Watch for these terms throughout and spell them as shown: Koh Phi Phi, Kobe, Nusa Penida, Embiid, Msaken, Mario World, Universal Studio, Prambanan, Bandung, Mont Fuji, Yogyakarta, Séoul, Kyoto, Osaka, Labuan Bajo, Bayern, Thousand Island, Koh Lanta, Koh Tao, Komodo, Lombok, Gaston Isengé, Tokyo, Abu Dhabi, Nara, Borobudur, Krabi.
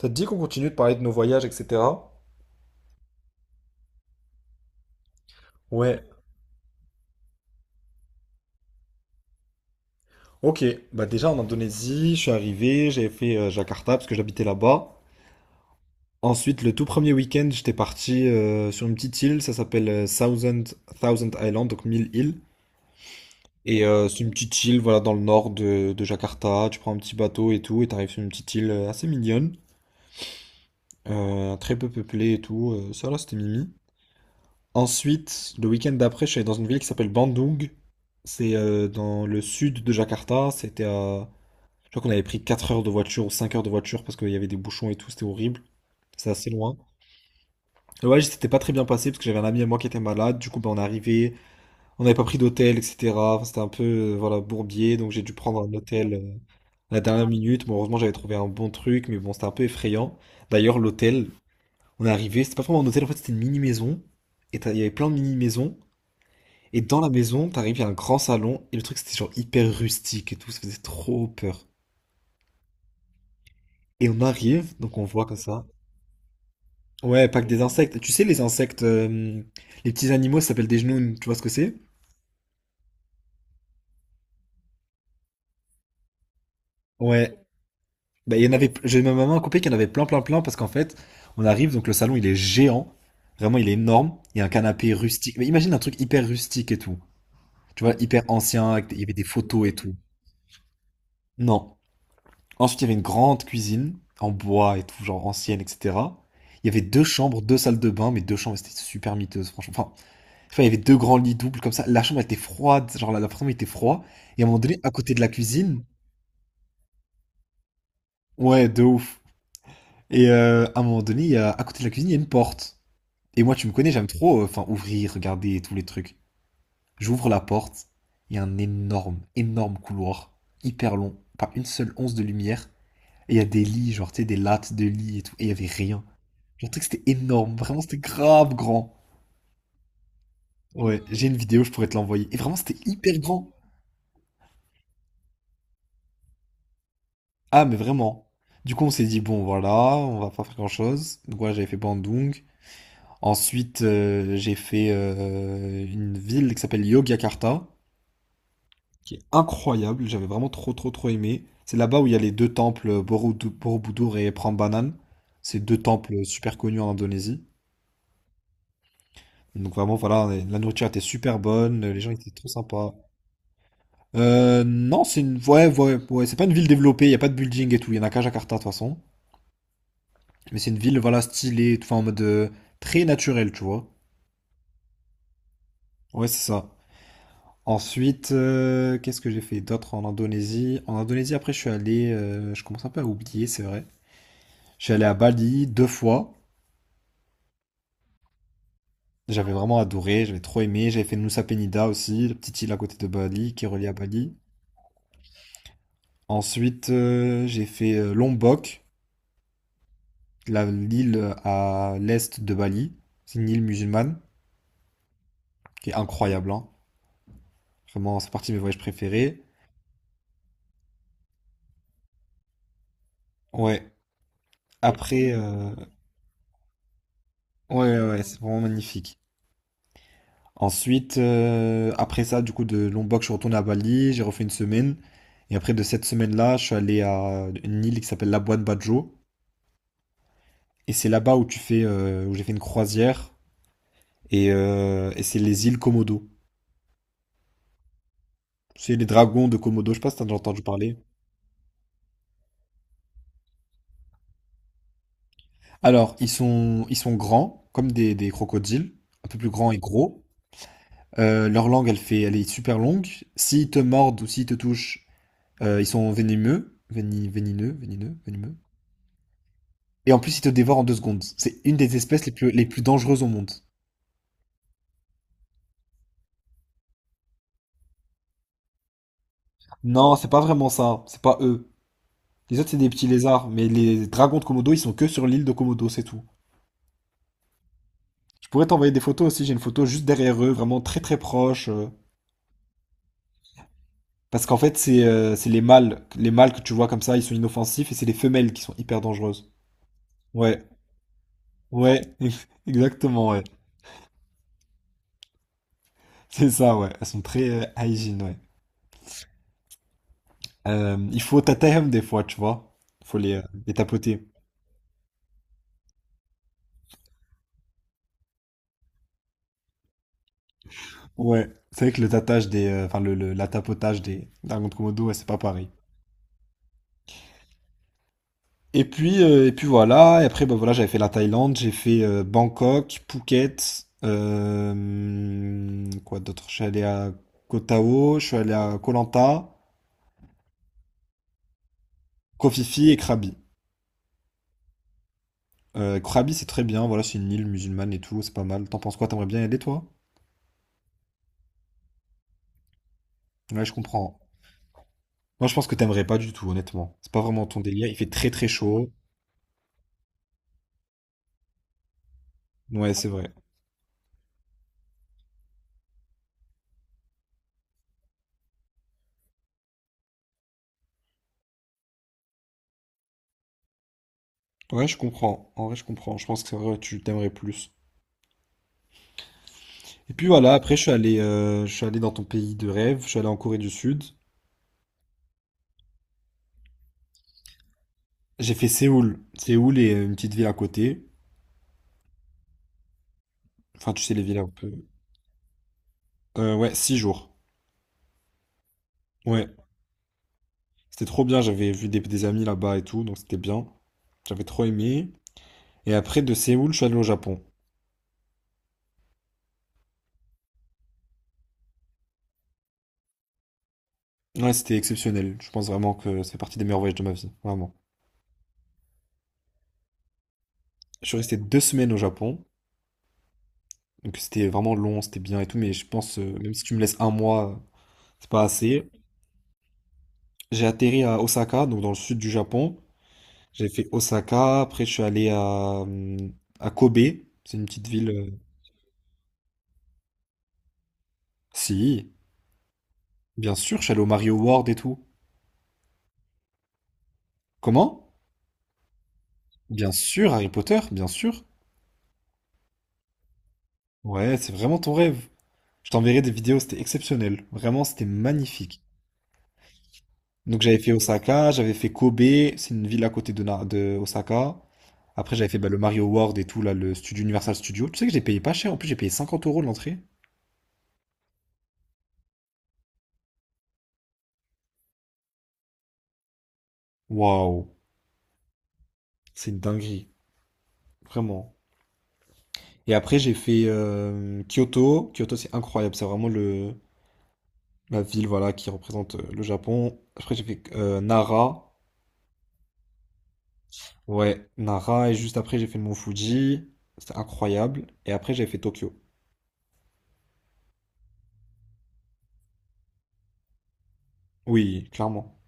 Ça te dit qu'on continue de parler de nos voyages, etc. Ouais, ok. Bah déjà en Indonésie, je suis arrivé, j'ai fait Jakarta parce que j'habitais là-bas. Ensuite, le tout premier week-end, j'étais parti sur une petite île, ça s'appelle Thousand Island, donc 1000 îles. Et c'est une petite île, voilà, dans le nord de Jakarta. Tu prends un petit bateau et tout, et t'arrives sur une petite île assez mignonne, très peu peuplée et tout. Ça là, c'était mimi. Ensuite, le week-end d'après, je suis allé dans une ville qui s'appelle Bandung. C'est dans le sud de Jakarta. Je crois qu'on avait pris 4 heures de voiture ou 5 heures de voiture parce qu'il y avait des bouchons et tout. C'était horrible. C'était assez loin. Le voyage s'était pas très bien passé parce que j'avais un ami à moi qui était malade. Du coup, ben, on est arrivé. On n'avait pas pris d'hôtel, etc. Enfin, c'était un peu voilà, bourbier. Donc j'ai dû prendre un hôtel à la dernière minute. Bon, heureusement, j'avais trouvé un bon truc. Mais bon, c'était un peu effrayant. D'ailleurs, l'hôtel, on est arrivé. C'était pas vraiment un hôtel. En fait, c'était une mini-maison. Et il y avait plein de mini-maisons. Et dans la maison, t'arrives, il y a un grand salon, et le truc c'était genre hyper rustique et tout, ça faisait trop peur. Et on arrive, donc on voit comme ça. Ouais, pas que des insectes. Tu sais, les insectes, les petits animaux, ça s'appelle des genoux, tu vois ce que c'est? Ouais. Bah, il y en avait, j'ai ma maman a coupé qu'il y en avait plein, plein, plein, parce qu'en fait, on arrive, donc le salon il est géant, vraiment il est énorme, il y a un canapé rustique. Mais imagine un truc hyper rustique et tout, tu vois, hyper ancien, avec il y avait des photos et tout. Non. Ensuite, il y avait une grande cuisine en bois et tout, genre ancienne, etc. Il y avait deux chambres, deux salles de bain, mais deux chambres, c'était super miteuse, franchement. Enfin, il y avait deux grands lits doubles comme ça. La chambre elle était froide, genre l'appartement était froid. Et à un moment donné, à côté de la cuisine. Ouais, de ouf. Et à un moment donné, à côté de la cuisine, il y a une porte. Et moi, tu me connais, j'aime trop, enfin, ouvrir, regarder et tous les trucs. J'ouvre la porte, il y a un énorme, énorme couloir, hyper long, pas une seule once de lumière. Et il y a des lits, genre, tu sais, des lattes de lits et tout. Et il y avait rien. J'ai trouvé que c'était énorme. Vraiment, c'était grave grand. Ouais, j'ai une vidéo, je pourrais te l'envoyer. Et vraiment, c'était hyper grand. Ah, mais vraiment. Du coup, on s'est dit, bon, voilà, on va pas faire grand-chose. Donc, voilà, j'avais fait Bandung. Ensuite, j'ai fait une ville qui s'appelle Yogyakarta, qui est incroyable. J'avais vraiment trop, trop, trop aimé. C'est là-bas où il y a les deux temples, Borobudur et Prambanan. C'est deux temples super connus en Indonésie. Donc, vraiment, voilà, la nourriture était super bonne, les gens étaient trop sympas. Non, ouais, ouais, ouais, c'est pas une ville développée, il y a pas de building et tout, il y en a qu'à Jakarta de toute façon. Mais c'est une ville, voilà, stylée, enfin, en mode très naturel, tu vois. Ouais, c'est ça. Ensuite, qu'est-ce que j'ai fait d'autre en Indonésie? En Indonésie, après, je suis allé, je commence un peu à oublier, c'est vrai. Je suis allé à Bali deux fois. J'avais vraiment adoré, j'avais trop aimé. J'avais fait Nusa Penida aussi, la petite île à côté de Bali qui est reliée à Bali. Ensuite, j'ai fait Lombok, l'île à l'est de Bali. C'est une île musulmane, qui est incroyable, hein. Vraiment, c'est partie de mes voyages préférés. Ouais. Après, ouais, ouais, ouais, c'est vraiment magnifique. Ensuite, après ça, du coup, de Lombok, je suis retourné à Bali, j'ai refait une semaine. Et après, de cette semaine-là, je suis allé à une île qui s'appelle Labuan Bajo. Et c'est là-bas où tu fais, où j'ai fait une croisière. Et c'est les îles Komodo. C'est les dragons de Komodo, je sais pas si t'as déjà entendu parler. Alors, ils sont grands, comme des crocodiles, un peu plus grands et gros. Leur langue, elle est super longue. S'ils te mordent ou s'ils te touchent, ils sont venimeux, vénineux, vénineux, venimeux. Et en plus, ils te dévorent en 2 secondes. C'est une des espèces les plus dangereuses au monde. Non, c'est pas vraiment ça. C'est pas eux. Les autres, c'est des petits lézards. Mais les dragons de Komodo, ils sont que sur l'île de Komodo, c'est tout. Je pourrais t'envoyer des photos aussi. J'ai une photo juste derrière eux, vraiment très très proche. Parce qu'en fait, c'est les mâles. Les mâles que tu vois comme ça, ils sont inoffensifs. Et c'est les femelles qui sont hyper dangereuses. Ouais, ouais, exactement, ouais. C'est ça, ouais. Elles sont très hygiène, ouais. Il faut tatayam des fois, tu vois. Faut les tapoter. Ouais. C'est vrai que le tatage des, enfin le- la tapotage des dragons de Komodo, ouais, c'est pas pareil. Et puis voilà. Et après, bah voilà, j'avais fait la Thaïlande, j'ai fait Bangkok, Phuket, quoi d'autre? Je suis allé à Koh Tao, je suis allé à Koh Lanta, Koh Phi Phi et Krabi. Krabi, c'est très bien. Voilà, c'est une île musulmane et tout, c'est pas mal. T'en penses quoi? T'aimerais bien y aller, toi? Ouais, je comprends. Moi, je pense que t'aimerais pas du tout, honnêtement. C'est pas vraiment ton délire. Il fait très très chaud. Ouais, c'est vrai. Ouais, je comprends. En vrai, je comprends. Je pense que c'est vrai, tu t'aimerais plus. Et puis voilà, après, je suis allé dans ton pays de rêve. Je suis allé en Corée du Sud. J'ai fait Séoul. Séoul est une petite ville à côté. Enfin, tu sais, les villes un peu. Ouais, 6 jours. Ouais. C'était trop bien. J'avais vu des amis là-bas et tout, donc c'était bien. J'avais trop aimé. Et après, de Séoul, je suis allé au Japon. Ouais, c'était exceptionnel. Je pense vraiment que c'est partie des meilleurs voyages de ma vie. Vraiment. Je suis resté 2 semaines au Japon. Donc c'était vraiment long, c'était bien et tout, mais je pense, même si tu me laisses un mois, c'est pas assez. J'ai atterri à Osaka, donc dans le sud du Japon. J'ai fait Osaka, après je suis allé à Kobe, c'est une petite ville. Si, bien sûr, je suis allé au Mario World et tout. Comment? Bien sûr, Harry Potter, bien sûr. Ouais, c'est vraiment ton rêve. Je t'enverrai des vidéos, c'était exceptionnel. Vraiment, c'était magnifique. Donc j'avais fait Osaka, j'avais fait Kobe, c'est une ville à côté de Osaka. Après j'avais fait bah, le Mario World et tout, là, le studio Universal Studio. Tu sais que j'ai payé pas cher, en plus j'ai payé 50 euros l'entrée. Waouh, c'est une dinguerie, vraiment. Et après j'ai fait Kyoto. Kyoto c'est incroyable, c'est vraiment la ville voilà, qui représente le Japon. Après j'ai fait Nara. Ouais, Nara. Et juste après j'ai fait le Mont Fuji. C'était incroyable. Et après j'ai fait Tokyo. Oui, clairement.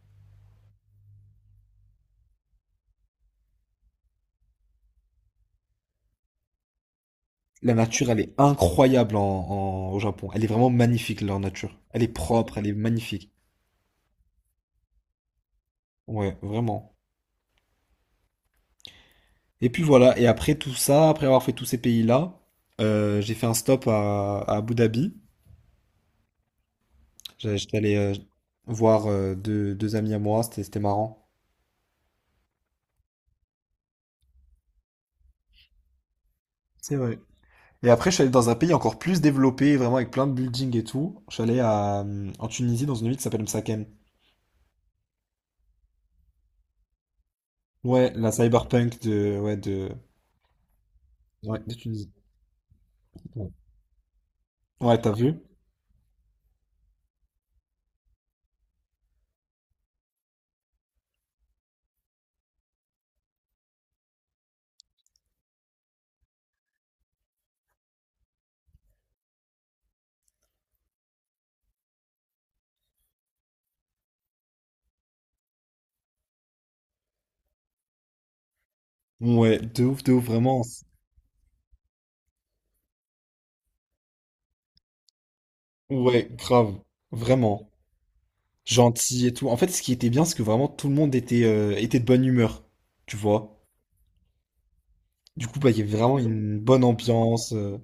La nature, elle est incroyable en, au Japon. Elle est vraiment magnifique, leur nature. Elle est propre, elle est magnifique. Ouais, vraiment. Et puis voilà, et après tout ça, après avoir fait tous ces pays-là, j'ai fait un stop à Abu Dhabi. J'étais allé voir deux amis à moi, c'était marrant. C'est vrai. Et après, je suis allé dans un pays encore plus développé, vraiment avec plein de buildings et tout. Je suis allé en Tunisie, dans une ville qui s'appelle Msakhem. Ouais, la cyberpunk de, ouais, de, ouais, de Tunisie. Ouais, ouais, t'as vu? Ouais, de ouf, vraiment. Ouais, grave, vraiment. Gentil et tout. En fait, ce qui était bien, c'est que vraiment tout le monde était de bonne humeur, tu vois. Du coup, bah, il y avait vraiment une bonne ambiance.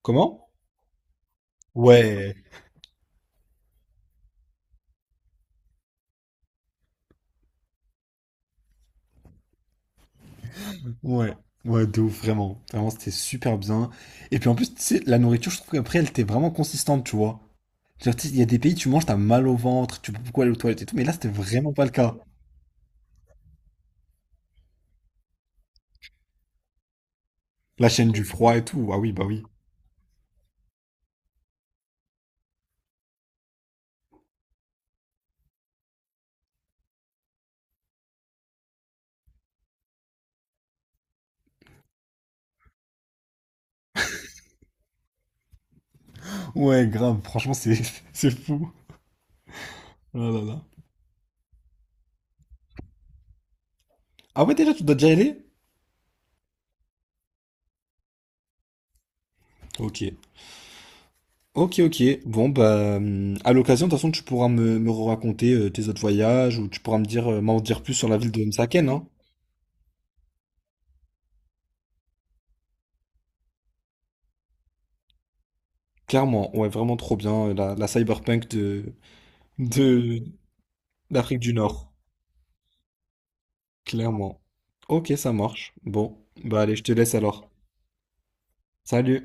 Comment? Ouais, ouais, ouais, de ouf, vraiment. Vraiment, c'était super bien. Et puis en plus, tu sais, la nourriture, je trouve qu'après, elle était vraiment consistante, tu vois. Genre, tu sais, il y a des pays, tu manges, t'as mal au ventre, tu peux beaucoup aller aux toilettes et tout, mais là, c'était vraiment pas le cas. La chaîne du froid et tout, ah oui, bah oui. Ouais, grave, franchement, c'est c'est fou. Oh là là. Ah ouais, déjà, tu dois déjà y aller? Ok. Ok, ok. Bon, bah, à l'occasion, de toute façon, tu pourras me raconter tes autres voyages ou tu pourras me dire, m'en dire plus sur la ville de Msaken, hein. Clairement, ouais, vraiment trop bien, la cyberpunk de, d'Afrique du Nord. Clairement. Ok, ça marche. Bon, bah, allez, je te laisse alors. Salut!